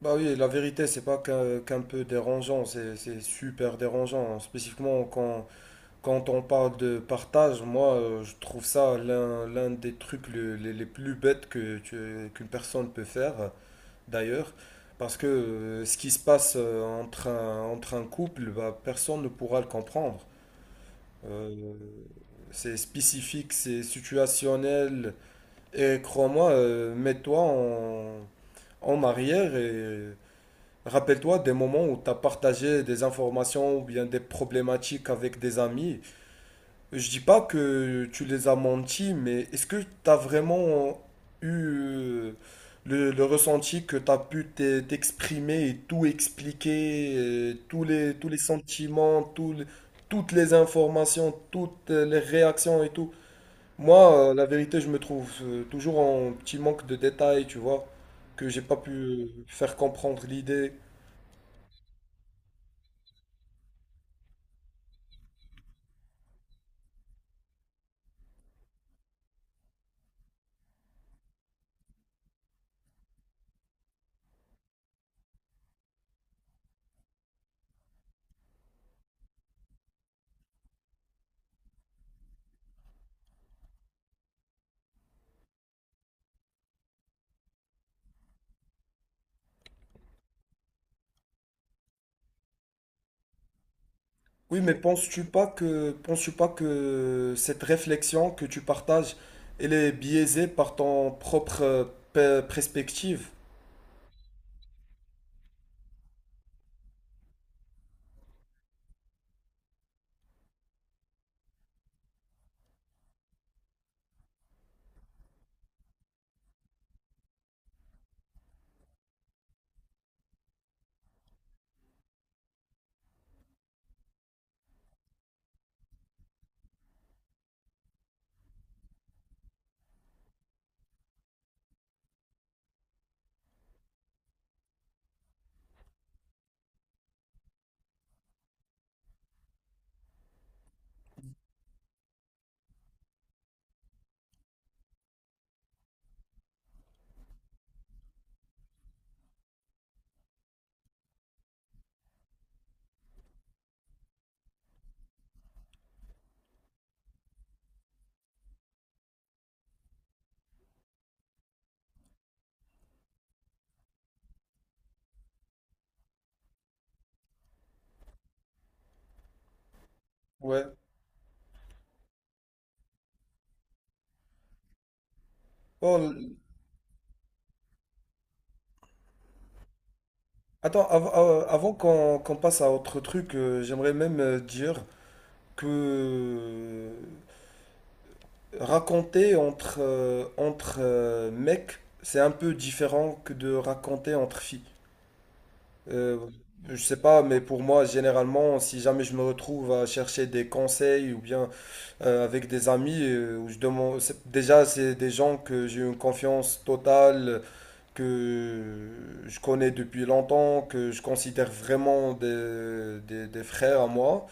Bah oui, la vérité, c'est pas qu'un peu dérangeant, c'est super dérangeant. Spécifiquement quand on parle de partage, moi, je trouve ça l'un des trucs les plus bêtes que qu'une personne peut faire, d'ailleurs. Parce que ce qui se passe entre entre un couple, bah, personne ne pourra le comprendre. Euh, c'est spécifique, c'est situationnel. Et crois-moi, en arrière et. Rappelle-toi des moments où tu as partagé des informations ou bien des problématiques avec des amis. Je dis pas que tu les as menti, mais est-ce que tu as vraiment eu euh, le ressenti que tu as pu t'exprimer et tout expliquer, tous les sentiments, toutes les informations, toutes les réactions et tout? Moi, la vérité, je me trouve toujours en petit manque de détails, tu vois, que j'ai pas pu faire comprendre l'idée. Oui, mais penses-tu pas que cette réflexion que tu partages, elle est biaisée par ton propre perspective? Ouais. Oh, l- attends, avant qu'on passe à autre truc, j'aimerais même dire que raconter entre mecs, c'est un peu différent que de raconter entre filles. Euh, je sais pas, mais pour moi, généralement, si jamais je me retrouve à chercher des conseils ou bien avec des amis où je demande déjà c'est des gens que j'ai une confiance totale que je connais depuis longtemps que je considère vraiment des frères à moi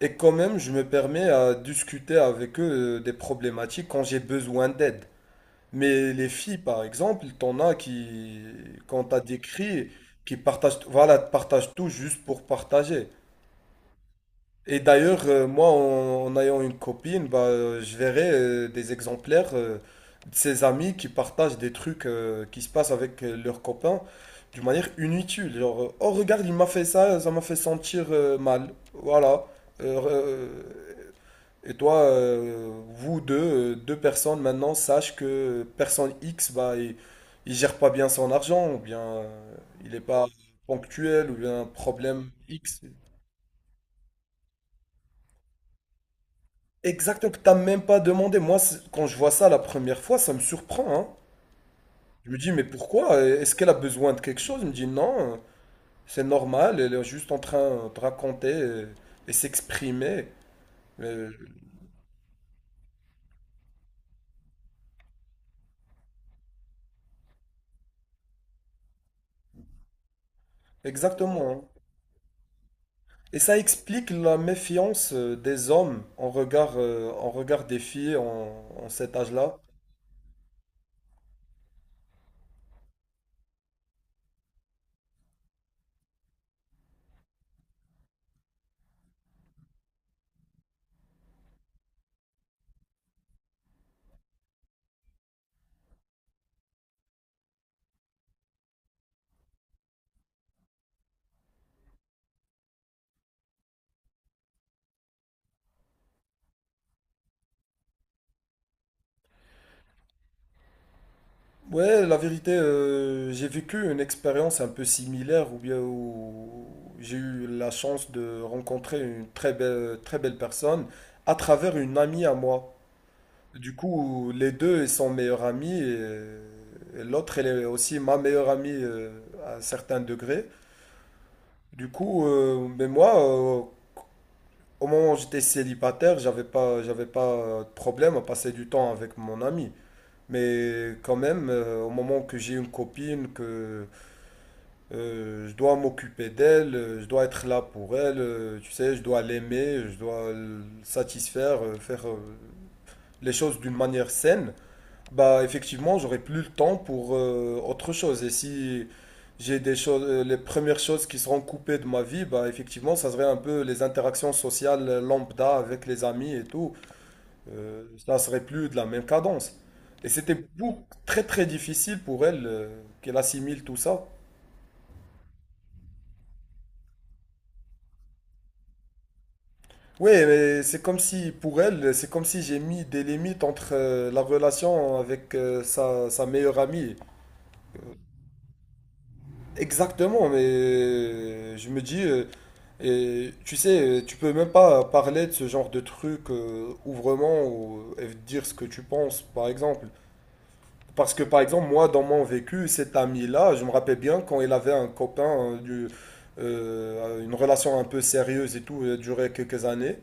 et quand même je me permets à discuter avec eux des problématiques quand j'ai besoin d'aide, mais les filles par exemple t'en as qui quand t'as des cris qui partagent, voilà, partagent tout juste pour partager. Et d'ailleurs, moi, en ayant une copine, bah, je verrai des exemplaires de ses amis qui partagent des trucs qui se passent avec leurs copains d'une manière inutile. Genre, oh regarde, il m'a fait ça, ça m'a fait sentir mal. Voilà. Euh, euh, et toi, vous deux, deux personnes maintenant, sachez que personne X, bah, il gère pas bien son argent, ou bien il est pas ponctuel, ou bien un problème X. Exactement, que t'as même pas demandé. Moi, quand je vois ça la première fois, ça me surprend, hein. Je me dis, mais pourquoi? Est-ce qu'elle a besoin de quelque chose? Il me dit, non, c'est normal, elle est juste en train de raconter et s'exprimer. Euh, Exactement, hein. Et ça explique la méfiance des hommes en regard des filles en cet âge-là. Ouais, la vérité, j'ai vécu une expérience un peu similaire ou bien où j'ai eu la chance de rencontrer une très belle personne à travers une amie à moi. Du coup, les deux ils sont meilleurs amis et l'autre, elle est aussi ma meilleure amie à un certain degré. Du coup, mais moi, au moment où j'étais célibataire, j'avais pas de problème à passer du temps avec mon ami. Mais quand même, au moment que j'ai une copine, que je dois m'occuper d'elle, je dois être là pour elle, tu sais, je dois l'aimer, je dois le satisfaire, faire les choses d'une manière saine, bah effectivement, j'aurai plus le temps pour autre chose. Et si j'ai des choses, les premières choses qui seront coupées de ma vie, bah effectivement, ça serait un peu les interactions sociales lambda avec les amis et tout. Ça serait plus de la même cadence. Et c'était très très difficile pour elle qu'elle assimile tout ça. Oui, mais c'est comme si, pour elle, c'est comme si j'ai mis des limites entre la relation avec sa meilleure amie. Exactement, mais je me dis, et, tu sais, tu peux même pas parler de ce genre de truc ouvrement ou, et dire ce que tu penses, par exemple. Parce que, par exemple, moi, dans mon vécu, cet ami-là, je me rappelle bien quand il avait un copain, une relation un peu sérieuse et tout, elle a duré quelques années.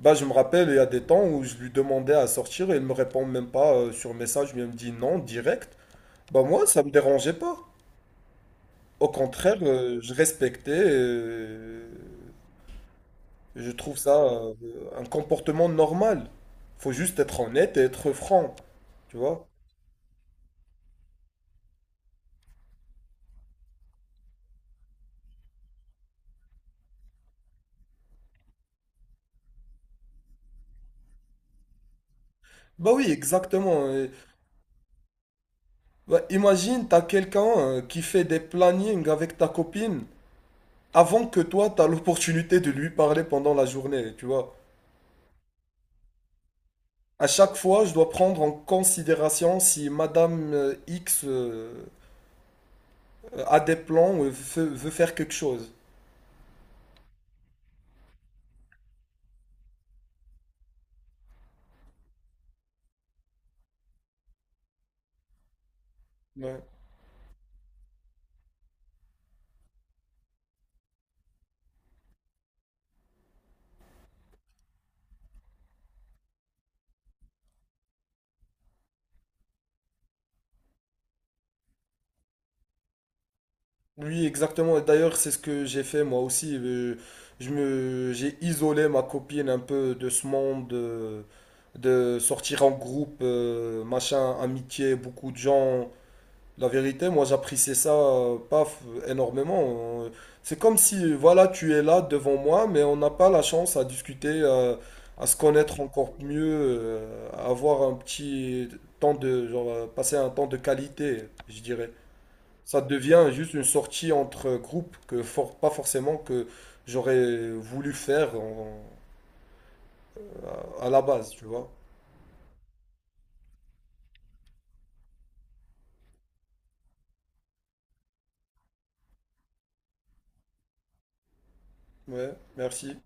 Bah, je me rappelle, il y a des temps où je lui demandais à sortir et il me répond même pas sur message, mais il me dit non, direct. Bah, moi, ça me dérangeait pas. Au contraire, je respectais et je trouve ça un comportement normal. Faut juste être honnête et être franc, tu vois. Bah oui, exactement. Bah, imagine, t'as quelqu'un qui fait des plannings avec ta copine avant que toi, t'as l'opportunité de lui parler pendant la journée, tu vois. À chaque fois, je dois prendre en considération si Madame X a des veut faire quelque chose. Ouais. Oui, exactement. Et d'ailleurs, c'est ce que j'ai fait moi aussi. J'ai isolé ma copine un peu de ce monde de sortir en groupe, machin, amitié, beaucoup de gens. La vérité, moi, j'appréciais ça pas f- énormément. C'est comme si, voilà, tu es là devant moi, mais on n'a pas la chance à discuter, à se connaître encore mieux, à avoir un petit temps de, passer un temps de qualité, je dirais. Ça devient juste une sortie entre groupes que pas forcément que j'aurais voulu faire en- à la base, tu vois. Ouais, merci.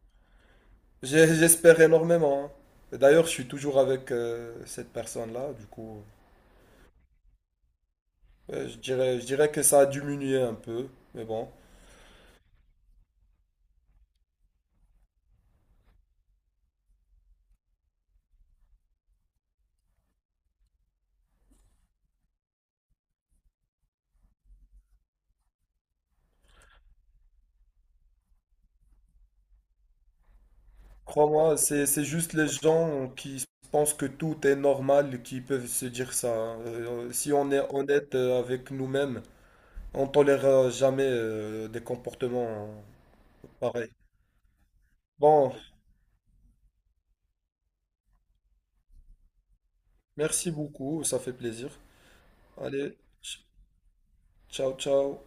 J'ai- J'espère énormément, hein. Et d'ailleurs, je suis toujours avec cette personne-là, du coup. Ouais, je dirais que ça a diminué un peu, mais bon. Crois-moi, c'est juste les gens qui pensent que tout est normal qui peuvent se dire ça, hein. Si on est honnête avec nous-mêmes, on tolérera jamais des comportements pareils. Bon, merci beaucoup, ça fait plaisir. Allez, ch- ciao, ciao.